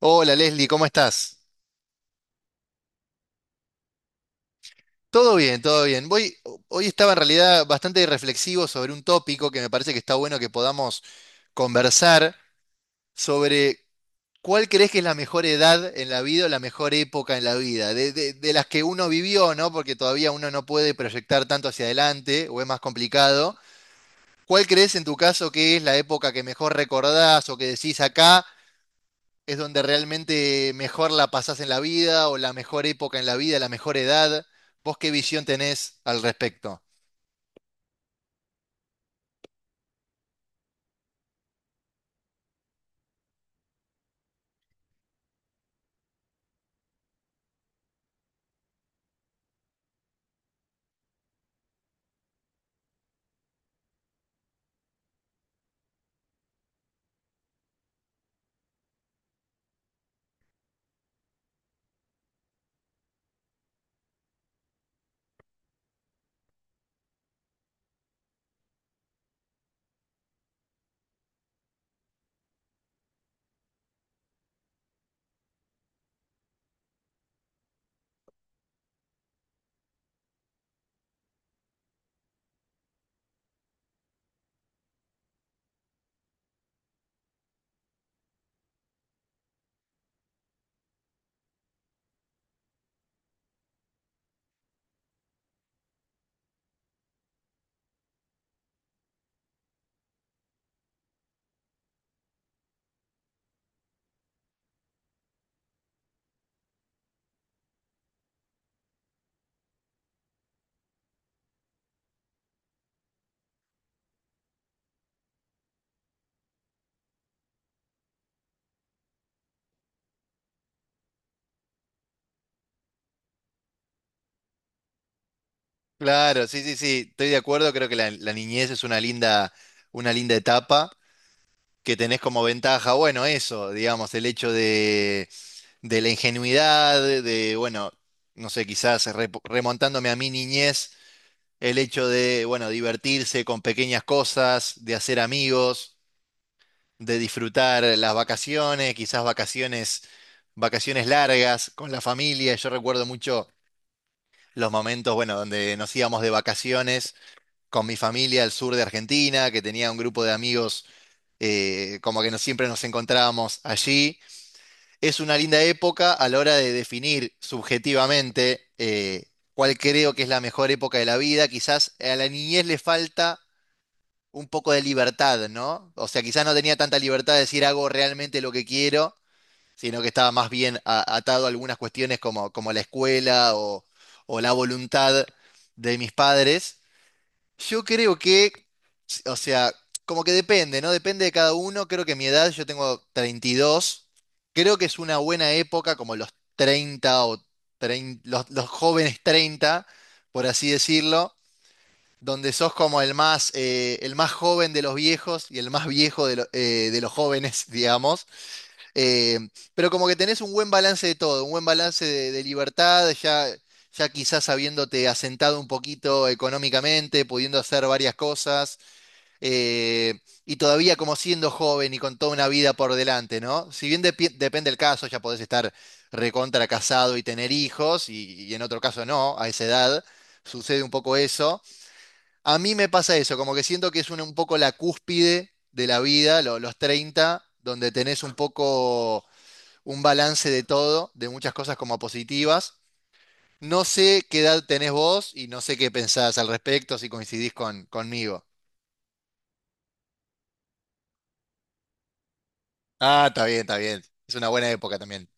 Hola Leslie, ¿cómo estás? Todo bien, todo bien. Hoy estaba en realidad bastante reflexivo sobre un tópico que me parece que está bueno que podamos conversar sobre cuál crees que es la mejor edad en la vida o la mejor época en la vida, de las que uno vivió, ¿no? Porque todavía uno no puede proyectar tanto hacia adelante o es más complicado. ¿Cuál crees en tu caso que es la época que mejor recordás o que decís acá? Es donde realmente mejor la pasás en la vida o la mejor época en la vida, la mejor edad. ¿Vos qué visión tenés al respecto? Claro, sí, sí, sí, estoy de acuerdo, creo que la niñez es una linda etapa que tenés como ventaja, bueno, eso, digamos, el hecho de la ingenuidad, de, bueno, no sé, quizás remontándome a mi niñez, el hecho de, bueno, divertirse con pequeñas cosas, de hacer amigos. De disfrutar las vacaciones, quizás vacaciones, vacaciones largas con la familia. Yo recuerdo mucho los momentos, bueno, donde nos íbamos de vacaciones con mi familia al sur de Argentina, que tenía un grupo de amigos, como que siempre nos encontrábamos allí. Es una linda época a la hora de definir subjetivamente cuál creo que es la mejor época de la vida. Quizás a la niñez le falta un poco de libertad, ¿no? O sea, quizás no tenía tanta libertad de decir hago realmente lo que quiero sino que estaba más bien atado a algunas cuestiones como, como la escuela o la voluntad de mis padres. Yo creo que, o sea, como que depende, ¿no? Depende de cada uno. Creo que mi edad, yo tengo 32, creo que es una buena época, como los 30 o 30 los jóvenes 30, por así decirlo. Donde sos como el más joven de los viejos y el más viejo de los jóvenes, digamos. Eh, pero como que tenés un buen balance de todo, un buen balance de libertad, ya quizás habiéndote asentado un poquito económicamente, pudiendo hacer varias cosas, eh, y todavía como siendo joven y con toda una vida por delante, ¿no? Si bien depende el caso, ya podés estar recontra casado y tener hijos, y en otro caso no, a esa edad sucede un poco eso. A mí me pasa eso, como que siento que es un poco la cúspide de la vida, los 30 donde tenés un poco un balance de todo, de muchas cosas como positivas. No sé qué edad tenés vos y no sé qué pensás al respecto, si coincidís conmigo. Ah, está bien, está bien. Es una buena época también.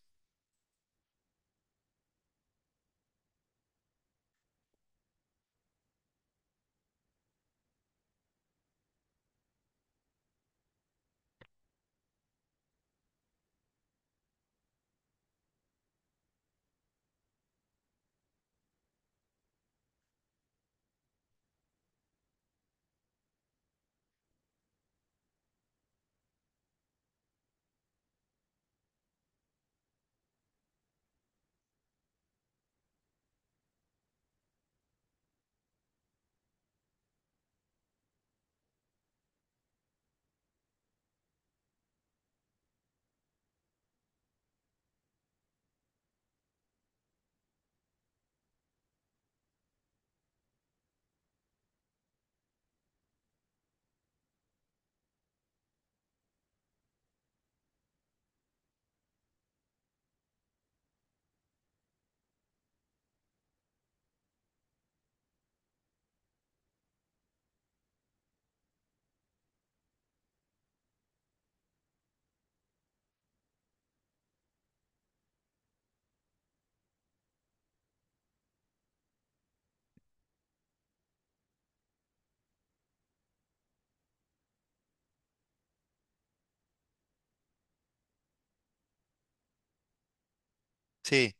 Sí,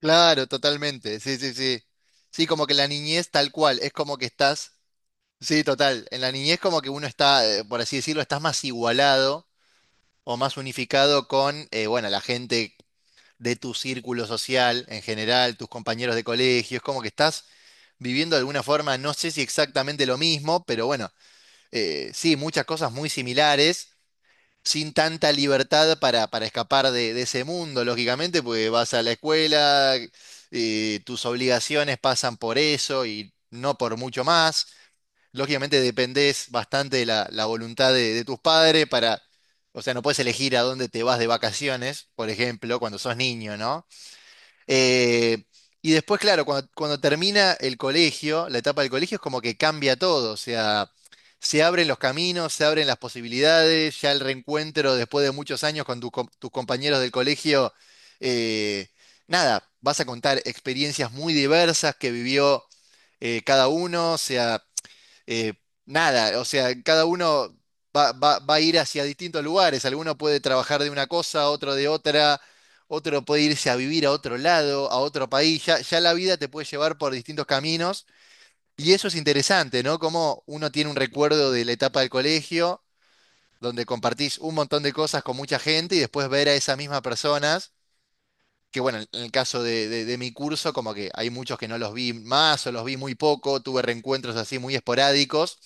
claro, totalmente. Sí, sí, sí. Sí, como que la niñez tal cual, es como que estás... Sí, total. En la niñez como que uno está, por así decirlo, estás más igualado o más unificado con, bueno, la gente de tu círculo social en general, tus compañeros de colegio. Es como que estás viviendo de alguna forma, no sé si exactamente lo mismo, pero bueno, sí, muchas cosas muy similares, sin tanta libertad para escapar de ese mundo, lógicamente, porque vas a la escuela, tus obligaciones pasan por eso y no por mucho más. Lógicamente dependés bastante de la voluntad de tus padres para, o sea, no puedes elegir a dónde te vas de vacaciones, por ejemplo, cuando sos niño, ¿no? Eh, y después, claro, cuando termina el colegio, la etapa del colegio es como que cambia todo, o sea, se abren los caminos, se abren las posibilidades, ya el reencuentro después de muchos años con tus compañeros del colegio, eh, nada, vas a contar experiencias muy diversas que vivió cada uno, o sea eh, nada, o sea, cada uno va a ir hacia distintos lugares. Alguno puede trabajar de una cosa, otro de otra, otro puede irse a vivir a otro lado, a otro país. Ya la vida te puede llevar por distintos caminos. Y eso es interesante, ¿no? Como uno tiene un recuerdo de la etapa del colegio, donde compartís un montón de cosas con mucha gente y después ver a esas mismas personas. Que bueno, en el caso de de mi curso, como que hay muchos que no los vi más o los vi muy poco, tuve reencuentros así muy esporádicos.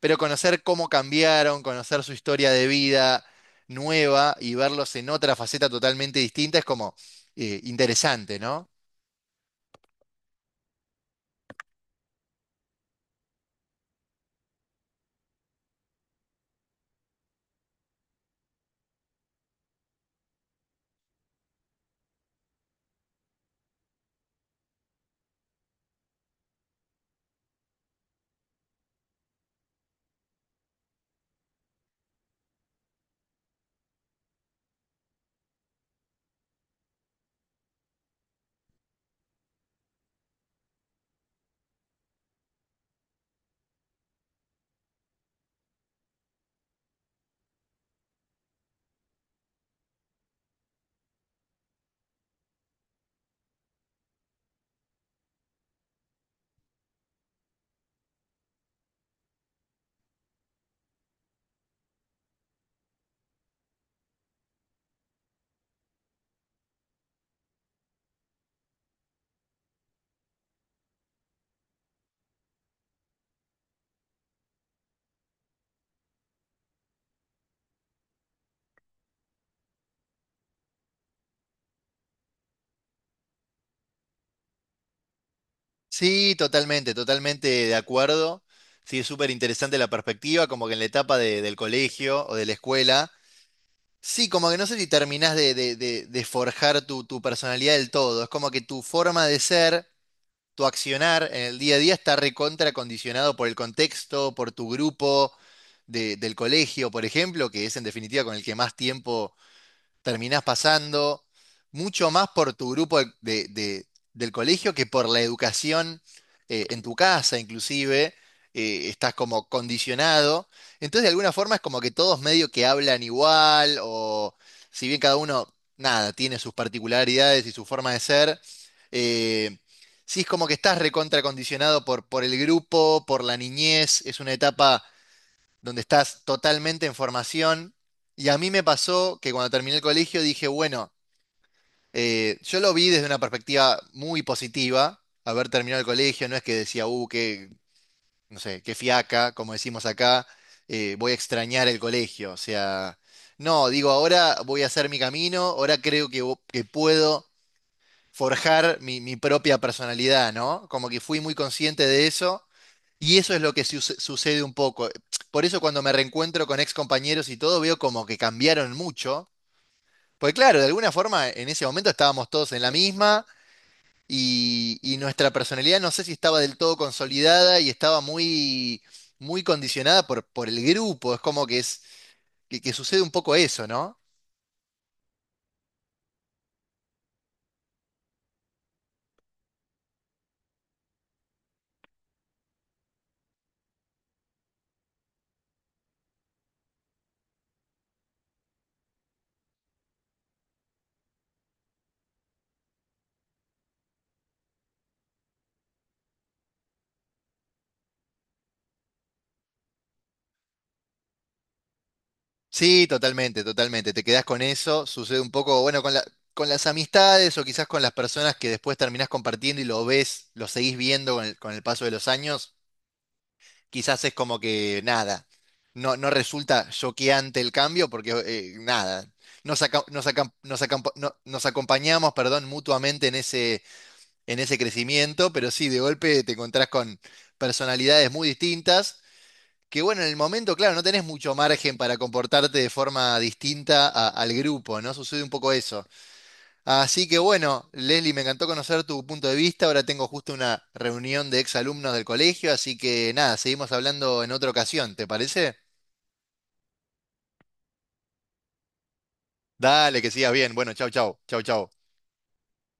Pero conocer cómo cambiaron, conocer su historia de vida nueva y verlos en otra faceta totalmente distinta es como interesante, ¿no? Sí, totalmente, totalmente de acuerdo. Sí, es súper interesante la perspectiva, como que en la etapa del colegio o de la escuela. Sí, como que no sé si terminás de forjar tu, tu personalidad del todo. Es como que tu forma de ser tu accionar en el día a día está recontra condicionado por el contexto, por tu grupo del colegio, por ejemplo, que es en definitiva con el que más tiempo terminás pasando mucho más por tu grupo del colegio que por la educación en tu casa, inclusive, estás como condicionado. Entonces, de alguna forma es como que todos medio que hablan igual, o si bien cada uno, nada, tiene sus particularidades y su forma de ser, eh, sí es como que estás recontracondicionado por el grupo, por la niñez, es una etapa donde estás totalmente en formación. Y a mí me pasó que cuando terminé el colegio dije, bueno, yo lo vi desde una perspectiva muy positiva, haber terminado el colegio, no es que decía, qué, no sé, qué fiaca, como decimos acá, voy a extrañar el colegio. O sea, no, digo, ahora voy a hacer mi camino, ahora creo que, que puedo forjar mi, mi propia personalidad, ¿no? Como que fui muy consciente de eso. Y eso es lo que sucede un poco. Por eso cuando me reencuentro con ex compañeros y todo, veo como que cambiaron mucho. Porque claro, de alguna forma en ese momento estábamos todos en la misma y nuestra personalidad no sé si estaba del todo consolidada y estaba muy, muy condicionada por el grupo. Es como que sucede un poco eso, ¿no? Sí, totalmente, totalmente. Te quedás con eso, sucede un poco, bueno, con con las amistades o quizás con las personas que después terminás compartiendo y lo ves, lo seguís viendo con el paso de los años. Quizás es como que nada, no resulta choqueante el cambio porque nada, nos, aca- nos, acam- nos acampa- no- nos acompañamos, perdón, mutuamente en ese crecimiento, pero sí, de golpe te encontrás con personalidades muy distintas. Que bueno, en el momento, claro, no tenés mucho margen para comportarte de forma distinta al grupo, ¿no? Sucede un poco eso. Así que bueno, Leslie, me encantó conocer tu punto de vista. Ahora tengo justo una reunión de exalumnos del colegio, así que nada, seguimos hablando en otra ocasión, ¿te parece? Dale, que sigas bien. Bueno, chau, chau, chau, chau.